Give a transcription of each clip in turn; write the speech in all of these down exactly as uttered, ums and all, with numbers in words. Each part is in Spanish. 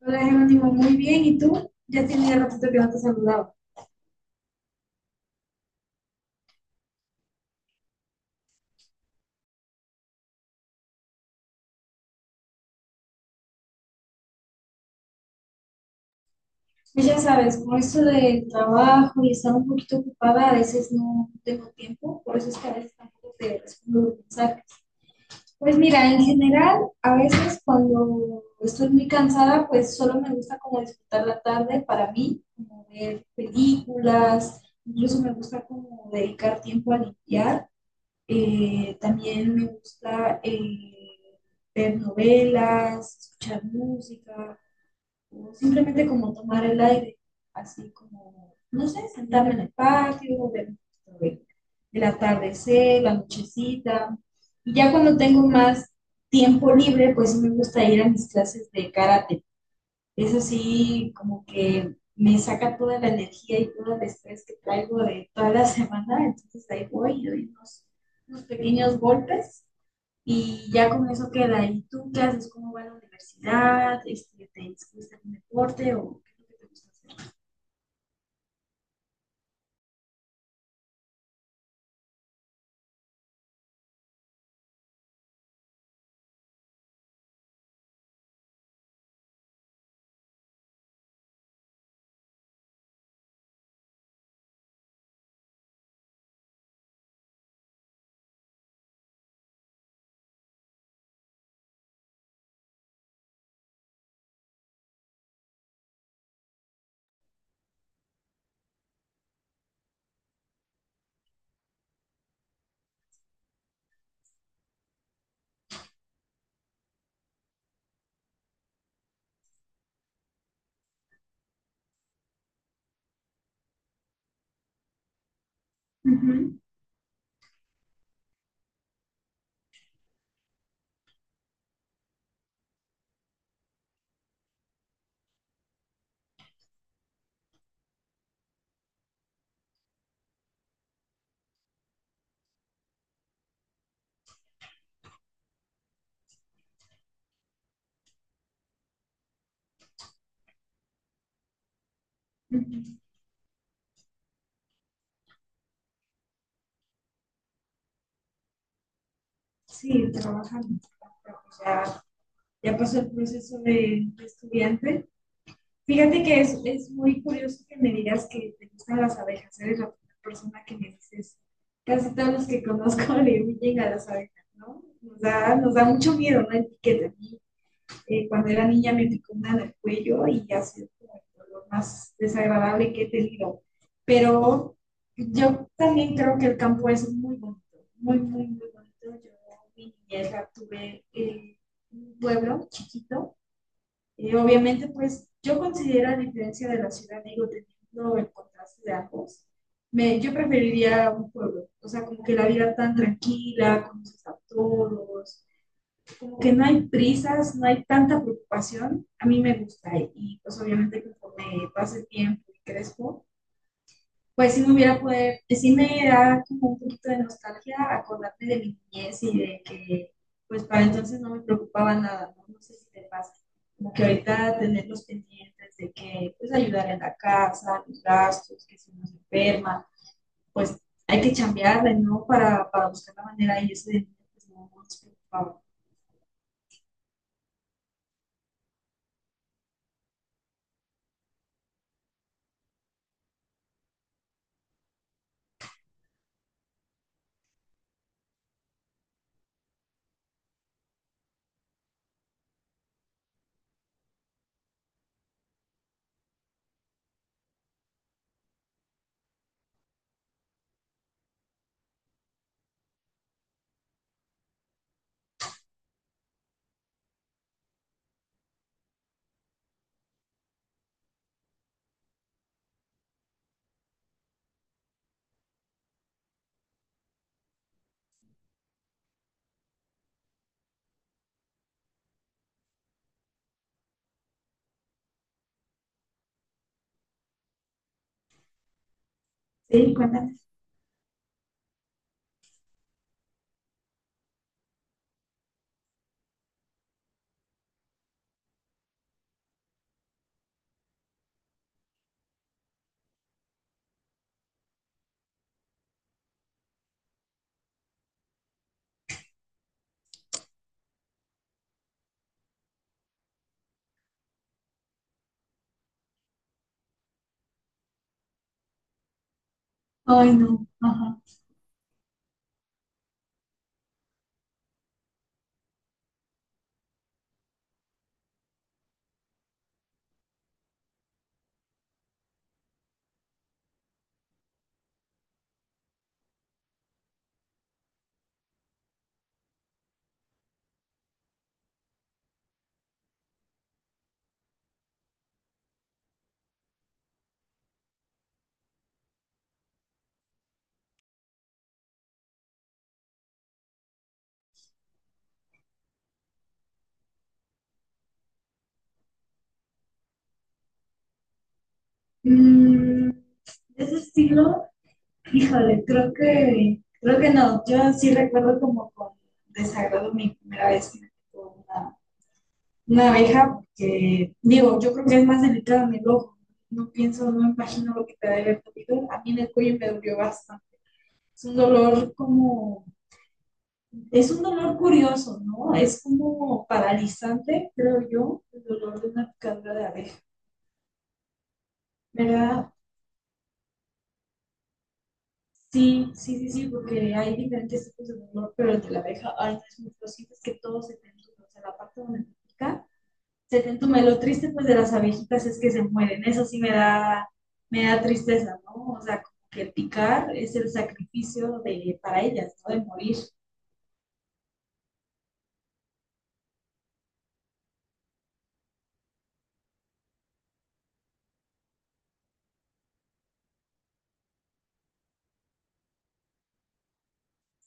Hola, Jerónimo, muy bien. ¿Y tú? Ya tenía ratito que no te saludaba. Pues ya sabes, con esto del trabajo y estar un poquito ocupada, a veces no tengo tiempo, por eso es que a veces tampoco te respondo los mensajes. Pues mira, en general, a veces cuando estoy muy cansada, pues solo me gusta como disfrutar la tarde para mí, como ver películas, incluso me gusta como dedicar tiempo a limpiar. Eh, también me gusta, eh, ver novelas, escuchar música, o simplemente como tomar el aire, así como, no sé, sentarme en el patio, ver un poquito de- el atardecer, la nochecita. Y ya cuando tengo más tiempo libre, pues sí me gusta ir a mis clases de karate. Eso sí, como que me saca toda la energía y todo el estrés que traigo de toda la semana, entonces ahí voy y doy unos, unos pequeños golpes y ya con eso queda. ¿Y tú qué haces? ¿Cómo va la universidad? Este, ¿te gusta algún deporte o qué es lo que te gusta hacer? Ujú, ujú. Sí, trabajando. Pero pues ya, ya pasó el proceso de, de estudiante. Fíjate que es, es muy curioso que me digas que te gustan las abejas. Eres la primera persona que me dices. Casi todos los que conozco le huyen a las abejas, ¿no? Nos da, nos da mucho miedo, ¿no? Etiqueta. A mí, eh, cuando era niña me picó una en el cuello y ha sido como el dolor más desagradable que he tenido. Pero yo también creo que el campo es muy bonito, muy, muy, muy bonito. Yo mi niñez la tuve en un pueblo chiquito y obviamente, pues yo considero, a diferencia de la ciudad, digo, teniendo el contraste de ambos, me, yo preferiría un pueblo, o sea, como que la vida tan tranquila, conoces a todos, como que no hay prisas, no hay tanta preocupación, a mí me gusta y pues obviamente conforme pase el tiempo y crezco, pues si me hubiera poder, pues sí me da como un poquito de nostalgia acordarme de mi niñez y de que pues para entonces no me preocupaba nada, no. No sé si te pasa, como que ahorita tener los pendientes de que pues ayudar en la casa, los gastos, que si uno se enferma, pues hay que chambearle, ¿no? Para, para buscar la manera y eso de niño, pues no, no nos preocupaba. Sí, cuéntame. Ay, no, ajá. Mm, de ese estilo. Híjole, creo que, creo que no. Yo sí recuerdo como con desagrado mi primera vez que me tocó una, una abeja, que digo, yo creo que es más delicado en el ojo. No pienso, no me imagino lo que te debe haber dolido. A mí en el cuello me dolió bastante. Es un dolor como, es un dolor curioso, ¿no? Es como paralizante, creo yo, el dolor de una picadura de abeja. Me da. Sí, sí, sí, sí, porque hay diferentes tipos de dolor, pero el de la abeja, ay, no, es muy posible, es que todo se te entume, o sea, la parte donde te pica, se te entume. Lo triste, pues, de las abejitas es que se mueren, eso sí me da, me da tristeza, ¿no? O sea, como que el picar es el sacrificio de, para ellas, ¿no? De morir.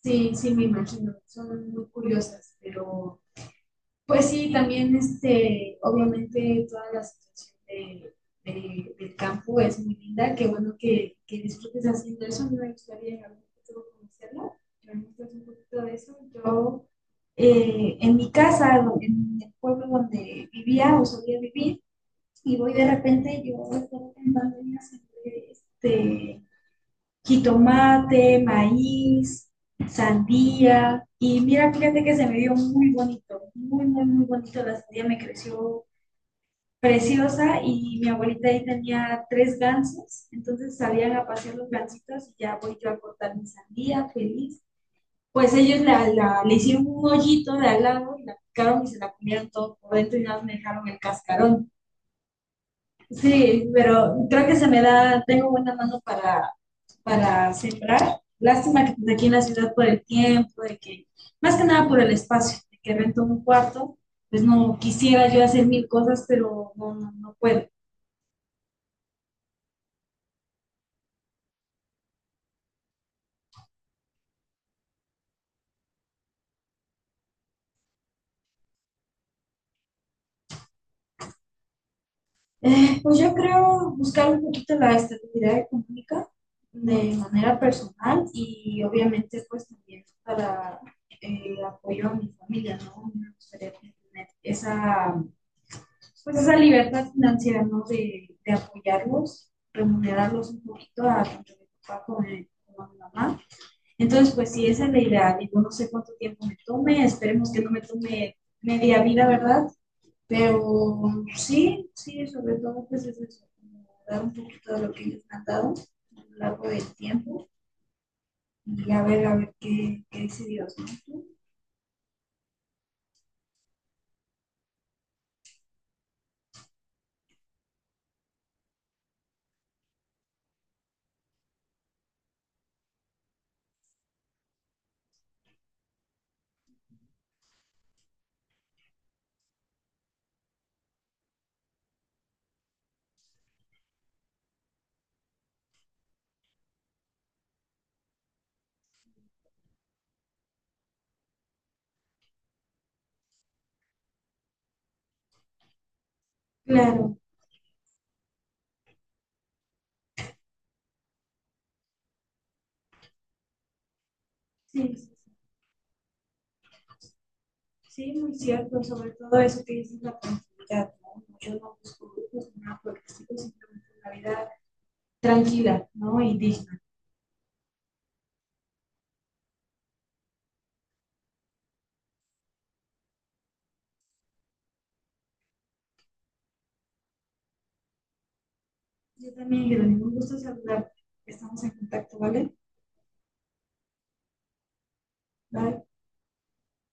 Sí, sí, me imagino, son muy curiosas, pero. Pues sí, también este, obviamente toda la situación de, de- del campo es muy linda, qué bueno que, que disfrutes haciendo eso, a mí me gustaría en algún futuro conocerlo, pero me un poquito de eso. Yo, eh, en mi casa, do- en el pueblo donde vivía o solía vivir, y voy de repente, yo de repente en pandemia siempre, este, jitomate, maíz, sandía. Y mira, fíjate que se me vio muy bonito, muy, muy, muy bonito. La sandía me creció preciosa y mi abuelita ahí tenía tres gansos, entonces salían a pasear los gansitos y ya voy yo a cortar mi sandía feliz. Pues ellos la, la- le hicieron un hoyito de al lado y la picaron y se la comieron todo por dentro y nada más me dejaron el cascarón. Sí, pero creo que se me da, tengo buena mano para para sembrar. Lástima que pues, aquí en la ciudad por el tiempo, de que, más que nada por el espacio, de que rento un cuarto, pues no quisiera yo hacer mil cosas, pero no, no, no puedo. Eh, pues yo creo buscar un poquito la estabilidad económica de manera personal y obviamente pues también para el eh, apoyo a mi familia, ¿no? Me gustaría tener esa, pues esa libertad financiera, ¿no? De, de apoyarlos, remunerarlos un poquito a tanto mi papá como a mi mamá. Entonces, pues sí, esa es la idea. Digo, no sé cuánto tiempo me tome, esperemos que no me tome media vida, ¿verdad? Pero sí, sí, sobre todo, pues es eso, dar un poquito de lo que ellos me han dado a lo largo del tiempo y a ver, a ver qué, qué dice Dios, ¿no? Claro, sí, sí. Sí, muy cierto, sobre todo eso que dices la tranquilidad, ¿no? Yo no busco grupos nada porque sigo simplemente una vida tranquila, ¿no? Y digna. Yo también, Jerónimo, un gusto saludarte. Estamos en contacto, ¿vale? Bye.